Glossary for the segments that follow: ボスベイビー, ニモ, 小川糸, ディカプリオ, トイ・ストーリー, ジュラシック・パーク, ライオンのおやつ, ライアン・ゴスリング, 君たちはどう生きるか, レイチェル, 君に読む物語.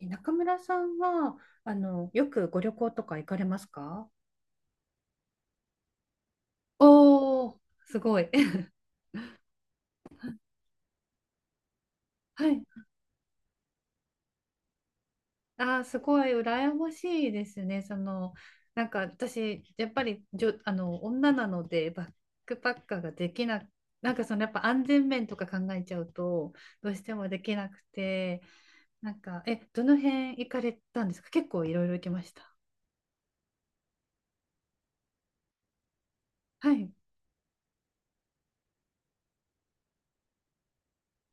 中村さんは、よくご旅行とか行かれますか？おお、すごい。はい。すごい羨ましいですね。その、なんか私、やっぱりじょ、あの、女なので、バックパッカーができな、なんかその、やっぱ安全面とか考えちゃうと、どうしてもできなくて、なんか、どの辺行かれたんですか？結構いろいろ行きました。はい。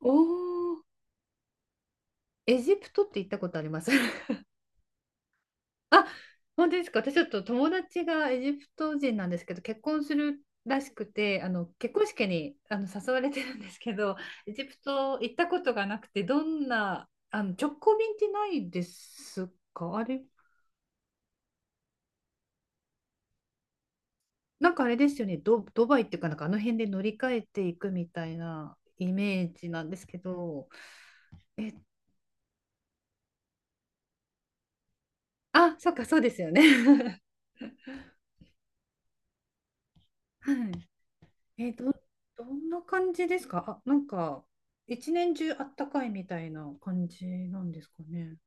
おお、エジプトって行ったことあります？あ、本当ですか？私ちょっと友達がエジプト人なんですけど、結婚するらしくて、結婚式に誘われてるんですけど、エジプト行ったことがなくて、どんな、直行便ってないですか？あれ、なんかあれですよね、ドバイっていうか、なんかあの辺で乗り換えていくみたいなイメージなんですけど、え、あ、そっか、そうですよね。はい。え、ど、どんな感じですか？あ、なんか、一年中あったかいみたいな感じなんですかね。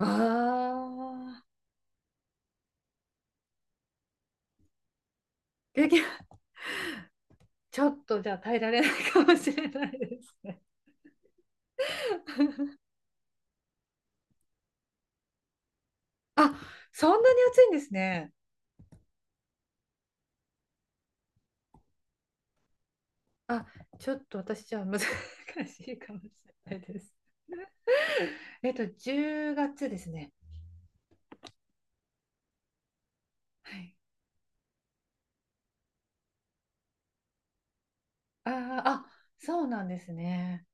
ああ、でき、ちょっとじゃあ耐えられないかもしれないですね。あ、そんなに暑いんですね。あ、ちょっと私じゃあ難しいかもしれないです。10月ですね。はい。あー、あ、そうなんですね。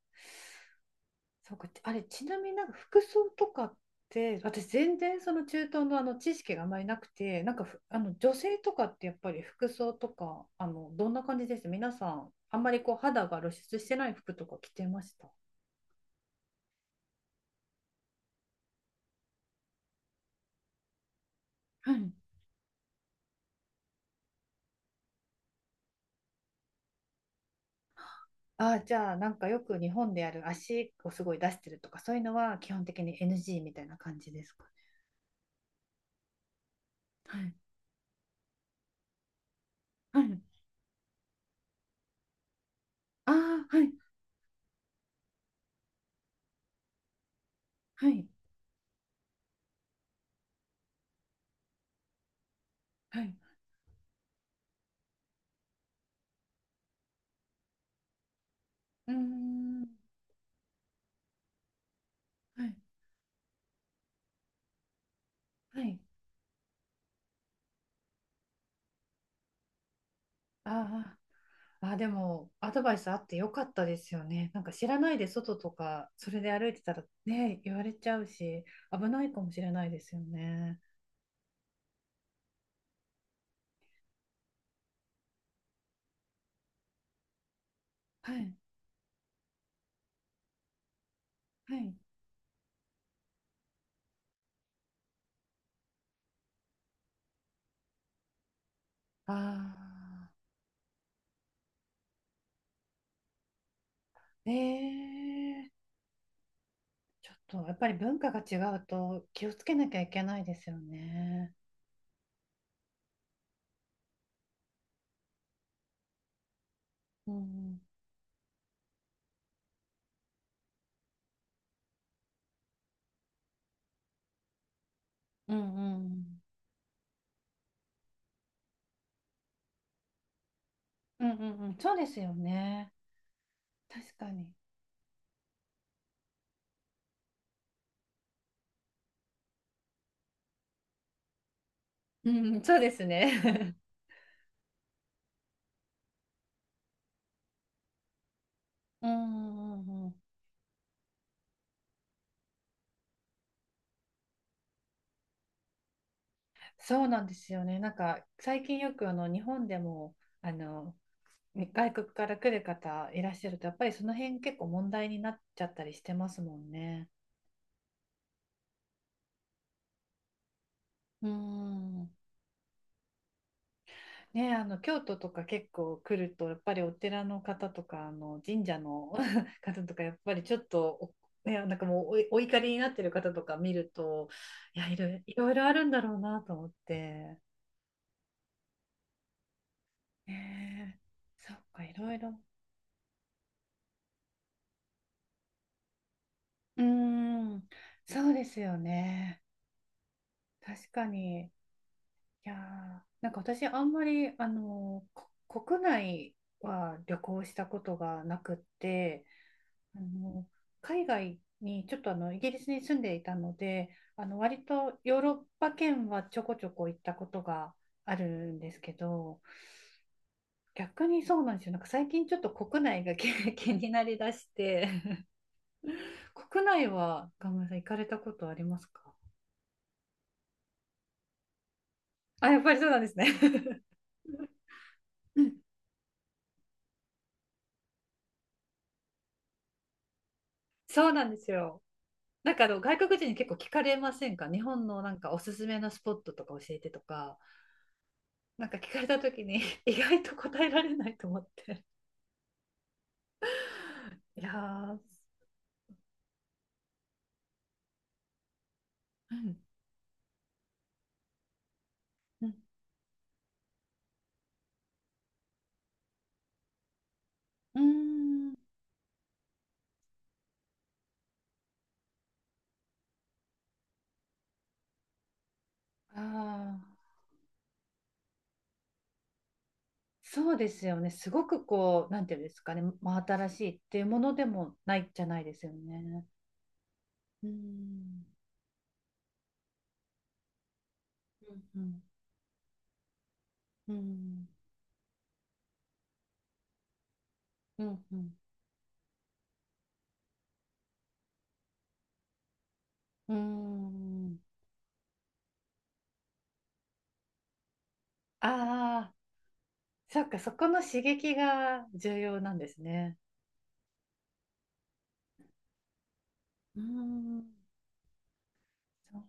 そうか、あれ、ちなみになんか服装とかって、私全然その中東の知識があまりなくて、なんかふあの女性とかってやっぱり服装とか、どんな感じです皆さん？あんまりこう肌が露出してない服とか着てました？はい。ああ、じゃあなんかよく日本でやる足をすごい出してるとか、そういうのは基本的に NG みたいな感じですかね？はい。はい。ああ、はい。はい。はい。うーん。はい。はい。ああ。あ、でも、アドバイスあってよかったですよね。なんか知らないで外とか、それで歩いてたらね、言われちゃうし、危ないかもしれないですよね。はい、はい。ああ、ええ、ちょっとやっぱり文化が違うと気をつけなきゃいけないですよね。うん、うん、うん、うん、うん、うん、うん、そうですよね。確かに。うん、そうですね。うん、うん、うん、そうなんですよね。なんか最近よく日本でもあの外国から来る方いらっしゃるとやっぱりその辺結構問題になっちゃったりしてますもんね。うん。ね、京都とか結構来るとやっぱりお寺の方とか神社の 方とかやっぱりちょっとね、なんかもうお怒りになってる方とか見ると、いやいろいろ、いろいろあるんだろうなと思って。ねえ、そっか、いろいろ。うーん、そうですよね。確かに。いやー、なんか私あんまり、国内は旅行したことがなくって、あの海外にちょっとイギリスに住んでいたので、割とヨーロッパ圏はちょこちょこ行ったことがあるんですけど、逆にそうなんですよ。なんか最近ちょっと国内が気 気になりだして、国内は、ガムさん行かれたことありますか？あ、やっぱりそうなんですね。うん、そうなんですよ。なんか外国人に結構聞かれませんか？日本のなんかおすすめのスポットとか教えてとか、なんか聞かれた時に 意外と答えられないと思って。いやー、うん、うん、うーん、ああ、そうですよね。すごくこう、なんていうんですかね、真新しいっていうものでもないじゃないですよね。うん、うん、うん、うん、うん、うん。うーん、ああ、そっか、そこの刺激が重要なんですね。うーん。そ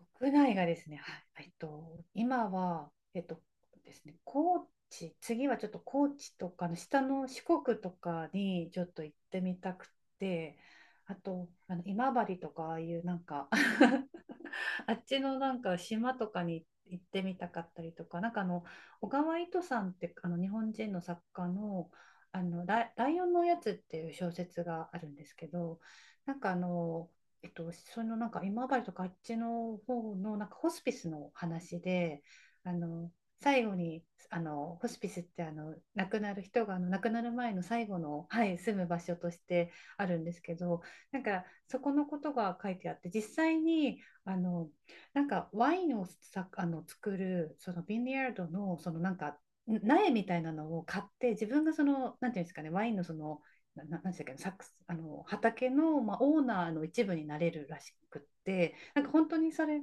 う、国内がですね、はい、今は、えっとですね、高知、次はちょっと高知とかの下の四国とかにちょっと行ってみたくて、あと、今治とかああいうなんか あっちのなんか島とかに行ってみたかったりとか、なんか小川糸さんって日本人の作家の、ライオンのおやつっていう小説があるんですけど、なんかそのなんか今治とかあっちの方のなんかホスピスの話で、あの最後にホスピスって亡くなる人が亡くなる前の最後の、はい、住む場所としてあるんですけど、なんかそこのことが書いてあって、実際にあのなんかワインを作るそのビニヤードのそのなんか苗みたいなのを買って、自分がそのなんていうんですかね、ワインのそのなんでしたっけ、サックス、畑の、まあ、オーナーの一部になれるらしくって、なんか本当にそれ、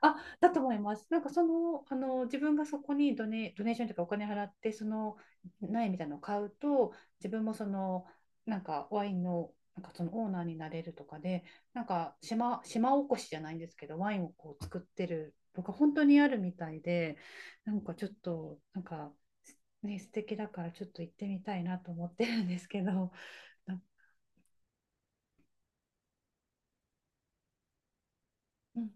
あ、だと思います。なんかその、自分がそこにドネーションというかお金払ってその苗みたいなのを買うと自分もそのなんかワインの、なんかそのオーナーになれるとかで、なんか島おこしじゃないんですけど、ワインをこう作ってるとか本当にあるみたいで、なんかちょっとなんか、ね、素敵だからちょっと行ってみたいなと思ってるんですけど。うん、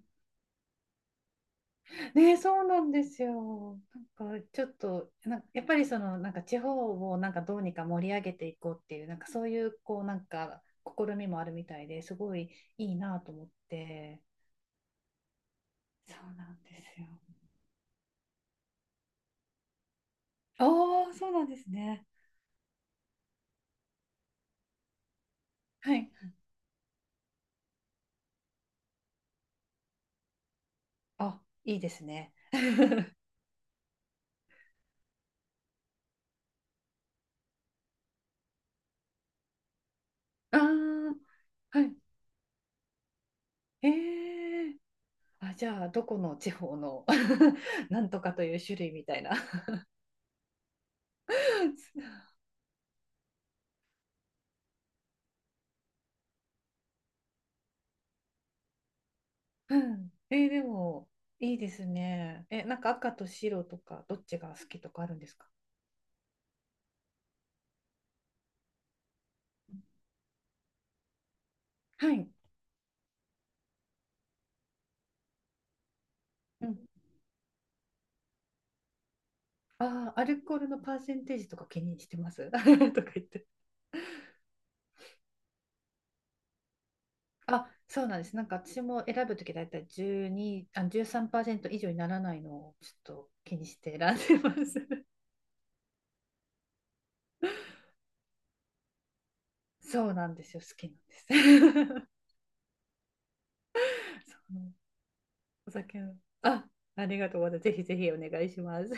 ね、そうなんですよ。なんかちょっとなんかやっぱりそのなんか地方をなんかどうにか盛り上げていこうっていうなんかそういうこうなんか試みもあるみたいで、すごいいいなと思って。そうなんですよ。ああ、そうなんですね。はい。あ、いいですね。ああ、はい。ええ、あ、じゃあどこの地方の なんとかという種類みたいな？ うん。でも、いいですね。なんか赤と白とか、どっちが好きとかあるんですか？はい。うん。ああ、アルコールのパーセンテージとか気にしてます？ とか言って。あ、そうなんです。なんか私も選ぶときだいたい12、あ、じゅうさんパーセンさん以上にならないのをちょっと気にして選んでます。そうなんですよ。好きなんです。そう、お酒を。あ、ありがとうございます。ぜひぜひお願いします。